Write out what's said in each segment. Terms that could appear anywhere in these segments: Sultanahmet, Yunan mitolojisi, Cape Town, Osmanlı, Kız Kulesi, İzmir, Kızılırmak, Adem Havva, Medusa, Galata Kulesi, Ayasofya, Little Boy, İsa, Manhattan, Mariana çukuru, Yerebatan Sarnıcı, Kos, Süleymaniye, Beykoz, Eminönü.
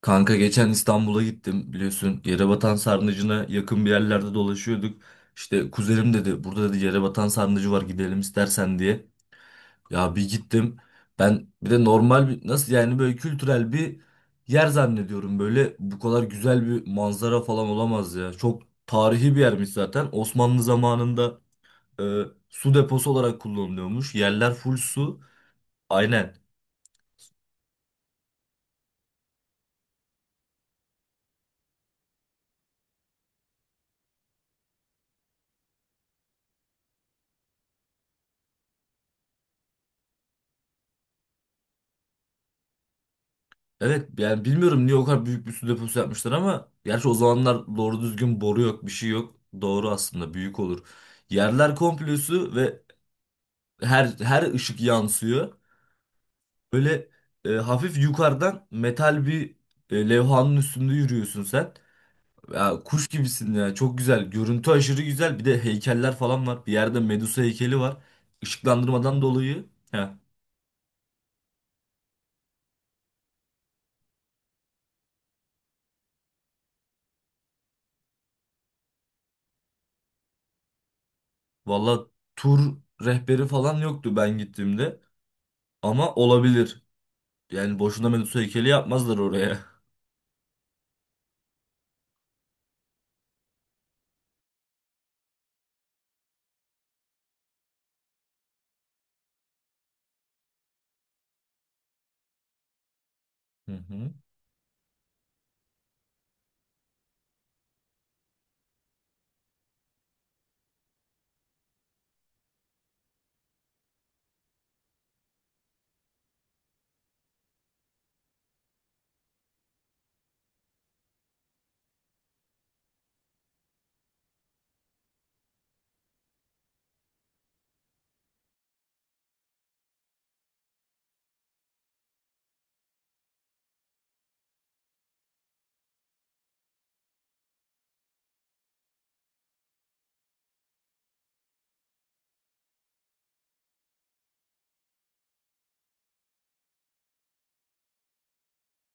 Kanka geçen İstanbul'a gittim biliyorsun, Yerebatan Sarnıcı'na yakın bir yerlerde dolaşıyorduk. İşte kuzenim dedi burada dedi Yerebatan Sarnıcı var, gidelim istersen diye. Ya bir gittim, ben bir de normal bir, nasıl yani, böyle kültürel bir yer zannediyorum, böyle bu kadar güzel bir manzara falan olamaz ya. Çok tarihi bir yermiş zaten. Osmanlı zamanında e, su deposu olarak kullanılıyormuş, yerler full su, aynen. Evet yani bilmiyorum niye o kadar büyük bir su deposu yapmışlar, ama gerçi o zamanlar doğru düzgün boru yok, bir şey yok. Doğru, aslında büyük olur. Yerler komple su ve her ışık yansıyor. Böyle hafif yukarıdan metal bir levhanın üstünde yürüyorsun sen. Ya, kuş gibisin ya, çok güzel. Görüntü aşırı güzel. Bir de heykeller falan var. Bir yerde Medusa heykeli var. Işıklandırmadan dolayı. Valla tur rehberi falan yoktu ben gittiğimde. Ama olabilir. Yani boşuna Medusa heykeli yapmazlar oraya. Hı hı.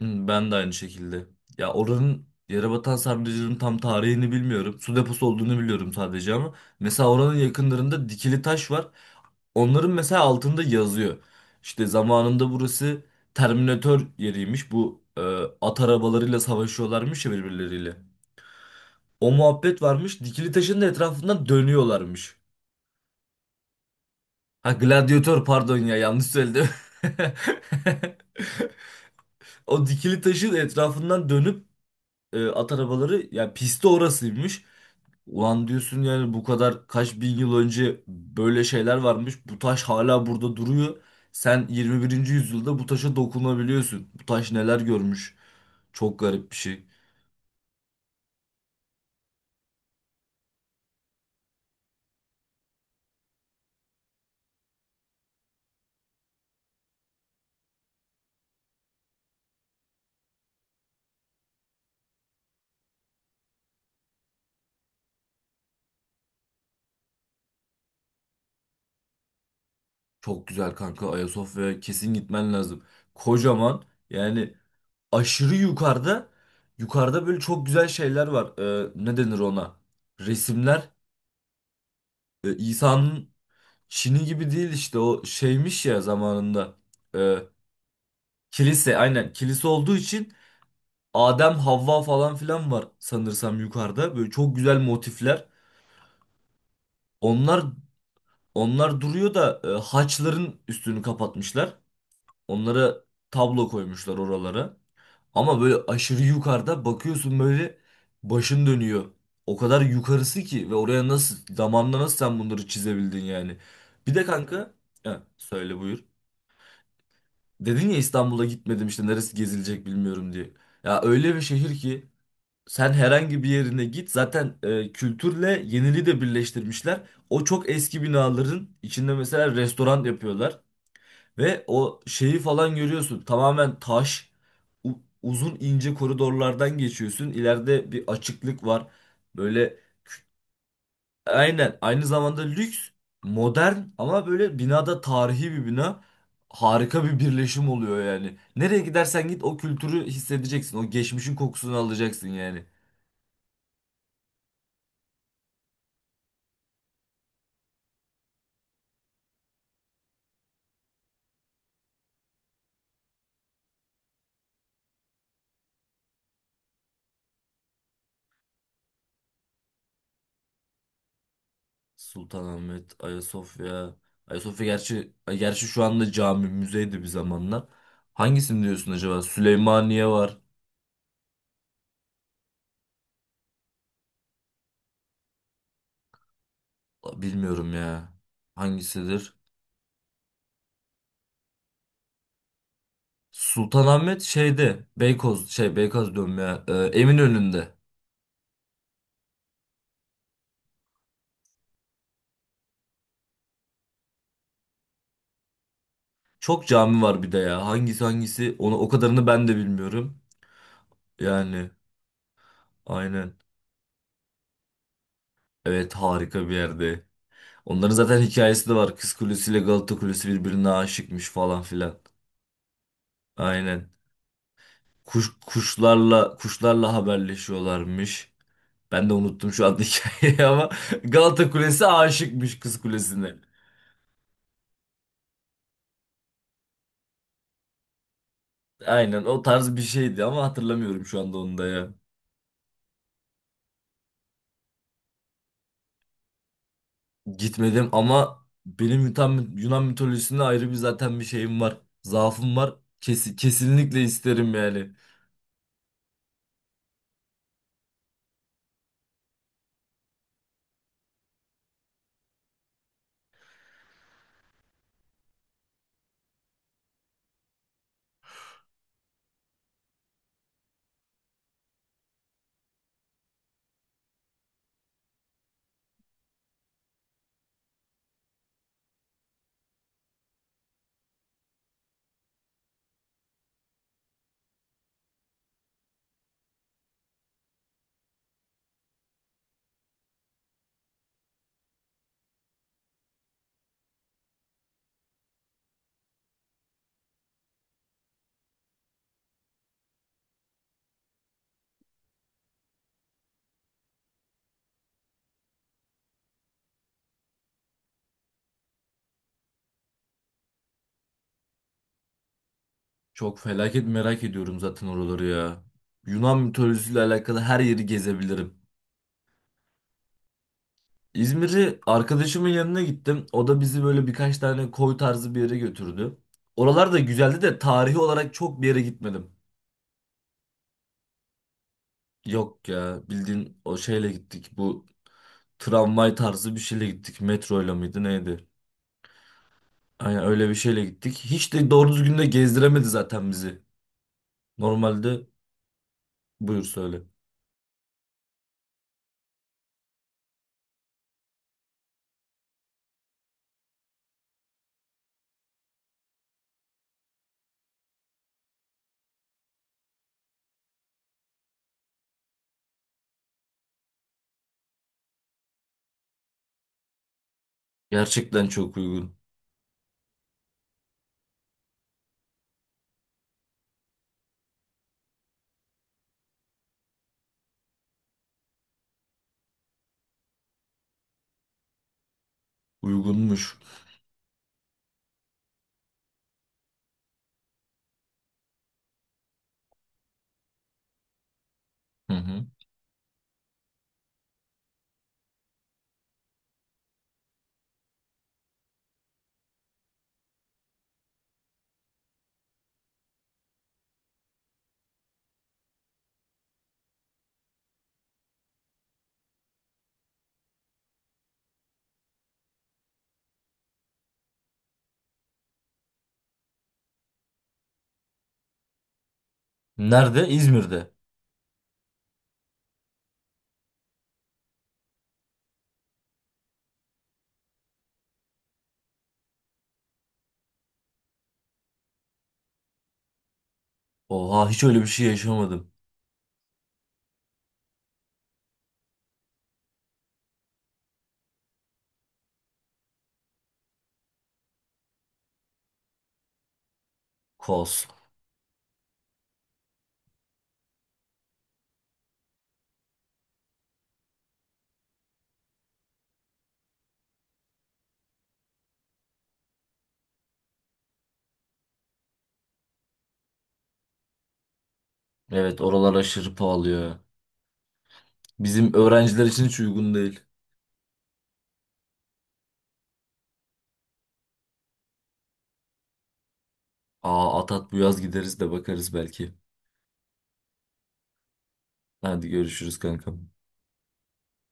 Hı, ben de aynı şekilde. Ya oranın, Yerebatan Sarnıcı'nın, tam tarihini bilmiyorum. Su deposu olduğunu biliyorum sadece ama. Mesela oranın yakınlarında dikili taş var. Onların mesela altında yazıyor. İşte zamanında burası Terminator yeriymiş. Bu at arabalarıyla savaşıyorlarmış ya birbirleriyle. O muhabbet varmış. Dikili taşın da etrafından dönüyorlarmış. Ha, gladyatör, pardon ya, yanlış söyledim. O dikili taşın etrafından dönüp at arabaları, yani pisti orasıymış. Ulan diyorsun yani, bu kadar kaç bin yıl önce böyle şeyler varmış. Bu taş hala burada duruyor. Sen 21. yüzyılda bu taşa dokunabiliyorsun. Bu taş neler görmüş. Çok garip bir şey. Çok güzel kanka, Ayasofya'ya kesin gitmen lazım. Kocaman, yani aşırı yukarıda, yukarıda böyle çok güzel şeyler var. Ne denir ona? Resimler. İsa'nın Çin'i gibi değil, işte o şeymiş ya zamanında. Ee, Kilise, aynen, kilise olduğu için Adem Havva falan filan var sanırsam yukarıda. Böyle çok güzel motifler. Onlar onlar duruyor da haçların üstünü kapatmışlar. Onlara tablo koymuşlar oralara. Ama böyle aşırı yukarıda bakıyorsun, böyle başın dönüyor. O kadar yukarısı ki, ve oraya nasıl, zamanla nasıl sen bunları çizebildin yani. Bir de kanka, ha, söyle, buyur. Dedin ya, İstanbul'a gitmedim, işte neresi gezilecek bilmiyorum diye. Ya öyle bir şehir ki sen herhangi bir yerine git, zaten kültürle yeniliği de birleştirmişler. O çok eski binaların içinde mesela restoran yapıyorlar ve o şeyi falan görüyorsun. Tamamen taş, uzun ince koridorlardan geçiyorsun. İleride bir açıklık var. Böyle aynen. Aynı zamanda lüks, modern ama böyle binada, tarihi bir bina. Harika bir birleşim oluyor yani. Nereye gidersen git o kültürü hissedeceksin. O geçmişin kokusunu alacaksın yani. Sultanahmet, Ayasofya. Ayasofya gerçi şu anda cami, müzeydi bir zamanlar. Hangisini diyorsun acaba? Süleymaniye var. Bilmiyorum ya. Hangisidir? Sultanahmet şeyde. Beykoz, şey, Beykoz diyorum ya. Eminönü'nde. Çok cami var bir de ya. Hangisi hangisi, onu o kadarını ben de bilmiyorum. Yani aynen. Evet, harika bir yerde. Onların zaten hikayesi de var. Kız Kulesi ile Galata Kulesi birbirine aşıkmış falan filan. Aynen. Kuş, kuşlarla haberleşiyorlarmış. Ben de unuttum şu anda hikayeyi ama Galata Kulesi aşıkmış Kız Kulesi'ne. Aynen o tarz bir şeydi ama hatırlamıyorum şu anda onu da ya. Gitmedim ama benim Yunan, Yunan mitolojisinde ayrı bir zaten bir şeyim var. Zaafım var. Kesinlikle isterim yani. Çok felaket merak ediyorum zaten oraları ya. Yunan mitolojisiyle alakalı her yeri gezebilirim. İzmir'i, arkadaşımın yanına gittim. O da bizi böyle birkaç tane koy tarzı bir yere götürdü. Oralar da güzeldi de tarihi olarak çok bir yere gitmedim. Yok ya, bildiğin o şeyle gittik. Bu tramvay tarzı bir şeyle gittik. Metroyla mıydı neydi? Aynen, öyle bir şeyle gittik. Hiç de doğru düzgün de gezdiremedi zaten bizi. Normalde buyur söyle. Gerçekten çok uygun. Uygunmuş. Hı hı. Nerede? İzmir'de. Oha, hiç öyle bir şey yaşamadım. Kos. Evet, oralar aşırı pahalı ya. Bizim öğrenciler için hiç uygun değil. Aa, Atat, bu yaz gideriz de bakarız belki. Hadi görüşürüz kankam.